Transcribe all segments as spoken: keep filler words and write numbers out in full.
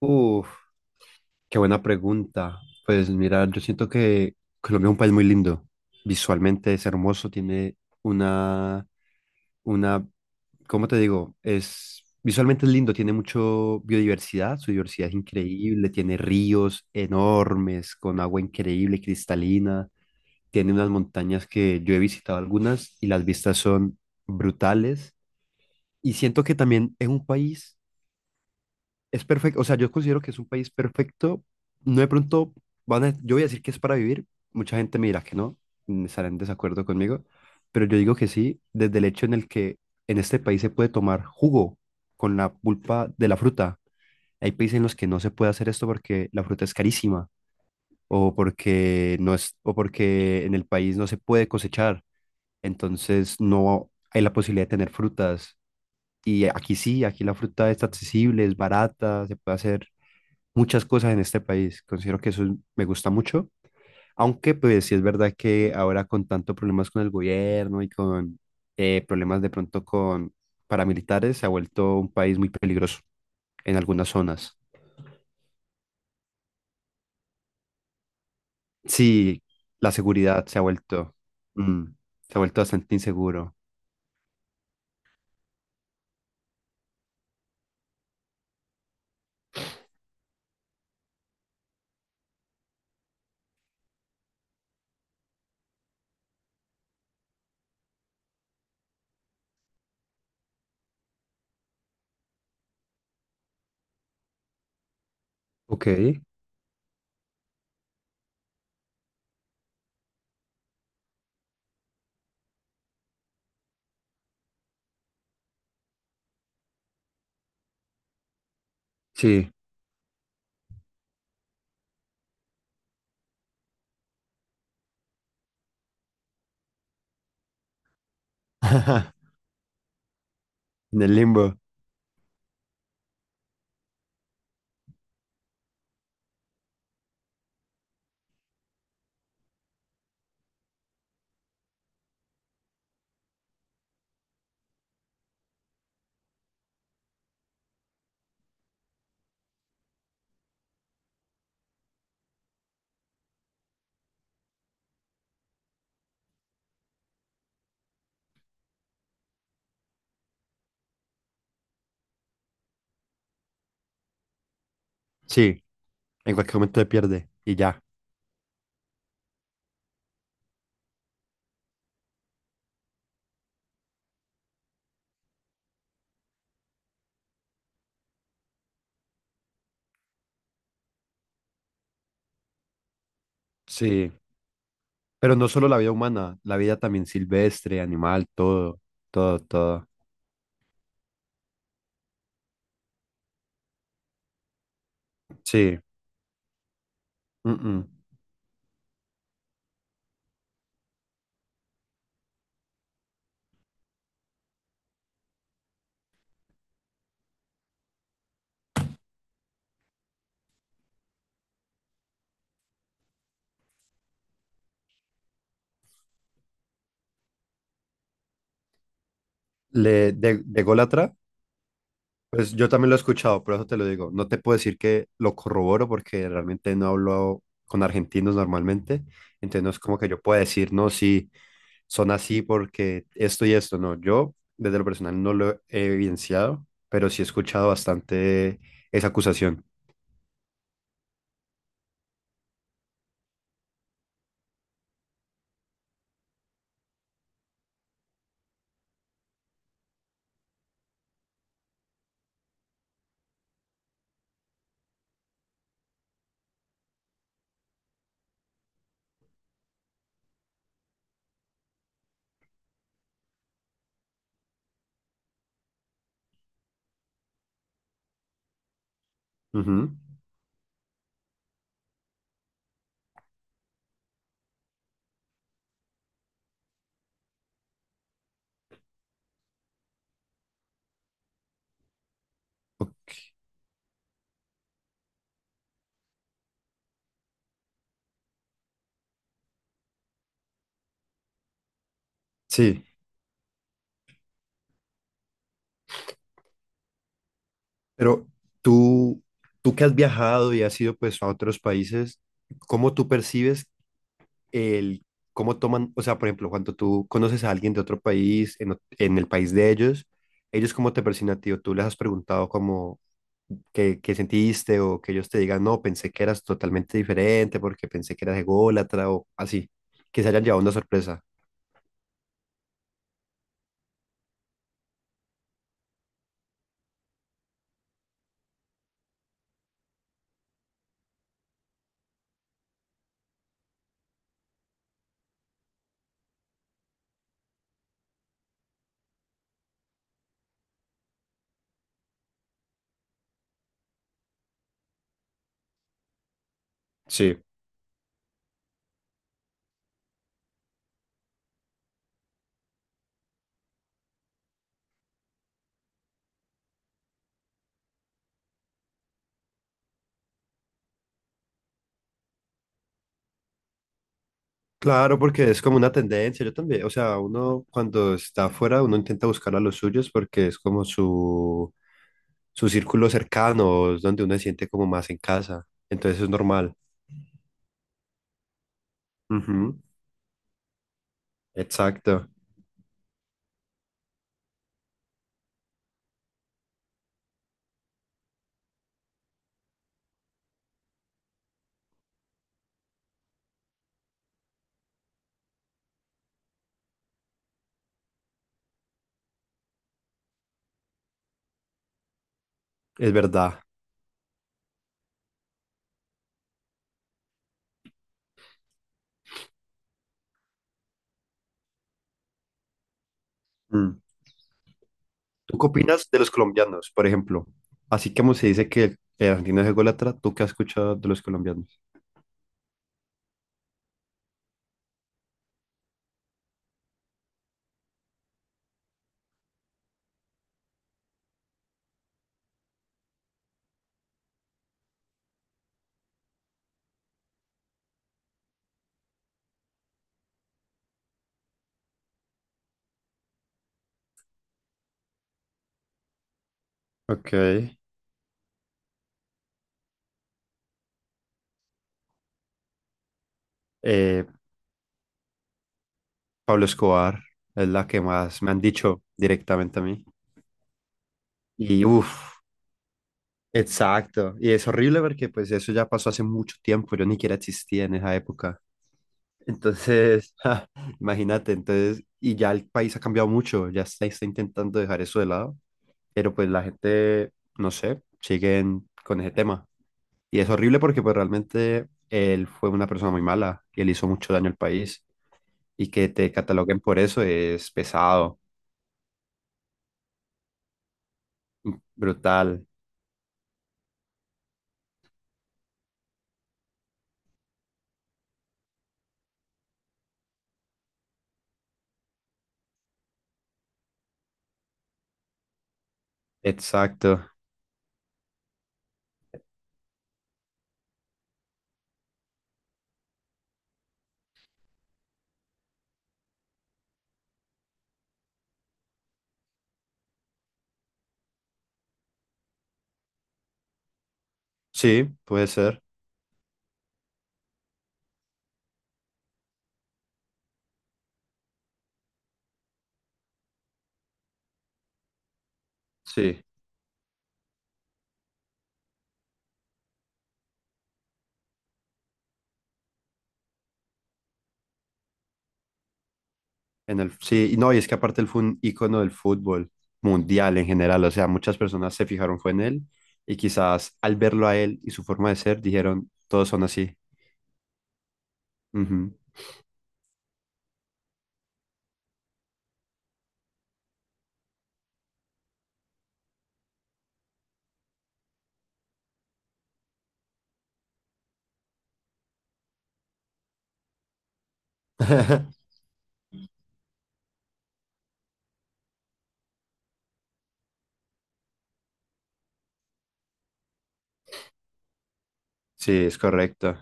Uf, qué buena pregunta. Pues mira, yo siento que Colombia es un país muy lindo. Visualmente es hermoso, tiene una, una, ¿cómo te digo? Es, visualmente es lindo, tiene mucho biodiversidad, su diversidad es increíble, tiene ríos enormes con agua increíble, cristalina, tiene unas montañas que yo he visitado algunas y las vistas son brutales. Y siento que también es un país es perfecto, o sea, yo considero que es un país perfecto. No de pronto van a, yo voy a decir que es para vivir. Mucha gente me dirá que no, mm, estará en desacuerdo conmigo, pero yo digo que sí, desde el hecho en el que en este país se puede tomar jugo con la pulpa de la fruta. Hay países en los que no se puede hacer esto porque la fruta es carísima o porque no es, o porque en el país no se puede cosechar. Entonces no hay la posibilidad de tener frutas. Y aquí sí, aquí la fruta está accesible, es barata, se puede hacer muchas cosas en este país. Considero que eso es- me gusta mucho, aunque pues sí es verdad que ahora con tanto problemas con el gobierno y con eh, problemas de pronto con paramilitares, se ha vuelto un país muy peligroso en algunas zonas. Sí, la seguridad se ha vuelto, mm, se ha vuelto bastante inseguro. Ok, sí. En el limbo. Sí, en cualquier momento se pierde y ya. Sí. Pero no solo la vida humana, la vida también silvestre, animal, todo, todo, todo. Sí, mm-mm. Le, de, de Gólatra, pues yo también lo he escuchado, por eso te lo digo. No te puedo decir que lo corroboro porque realmente no hablo con argentinos normalmente, entonces no es como que yo pueda decir, no, sí, son así porque esto y esto, no. Yo desde lo personal no lo he evidenciado, pero sí he escuchado bastante esa acusación. Ujú. O- Sí, pero tú, tú que has viajado y has ido pues a otros países, ¿cómo tú percibes el cómo toman? O sea, por ejemplo, cuando tú conoces a alguien de otro país, en, ot- en el país de ellos, ellos cómo te perciben a ti, o tú les has preguntado como qué, qué sentiste, o que ellos te digan, no, pensé que eras totalmente diferente, porque pensé que eras ególatra, o así, que se hayan llevado una sorpresa. Sí, claro, porque es como una tendencia, yo también, o sea, uno cuando está afuera, uno intenta buscar a los suyos porque es como su, su círculo cercano, es donde uno se siente como más en casa, entonces es normal. Ujú. Exacto, es verdad. Mm. ¿Tú qué opinas de los colombianos, por ejemplo? Así como se dice que el argentino es ególatra, ¿tú qué has escuchado de los colombianos? Ok. Eh, Pablo Escobar es la que más me han dicho directamente a mí. Y uff. Exacto. Y es horrible porque pues eso ya pasó hace mucho tiempo, yo ni siquiera existía en esa época. Entonces, ja, imagínate, entonces, y ya el país ha cambiado mucho, ya se está intentando dejar eso de lado, pero pues la gente, no sé, siguen con ese tema. Y es horrible porque pues realmente él fue una persona muy mala y él hizo mucho daño al país. Y que te cataloguen por eso es pesado, brutal. Exacto. Sí, puede ser. Sí. En el, sí, y no, y es que aparte él fue un ícono del fútbol mundial en general, o sea, muchas personas se fijaron fue en él y quizás al verlo a él y su forma de ser dijeron, todos son así. Ujú. Sí, es correcto.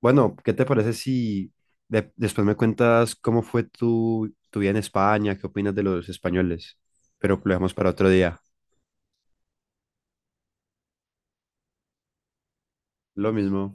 Bueno, ¿qué te parece si de- después me cuentas cómo fue tu, tu vida en España? ¿Qué opinas de los españoles? Pero lo dejamos para otro día. Lo mismo.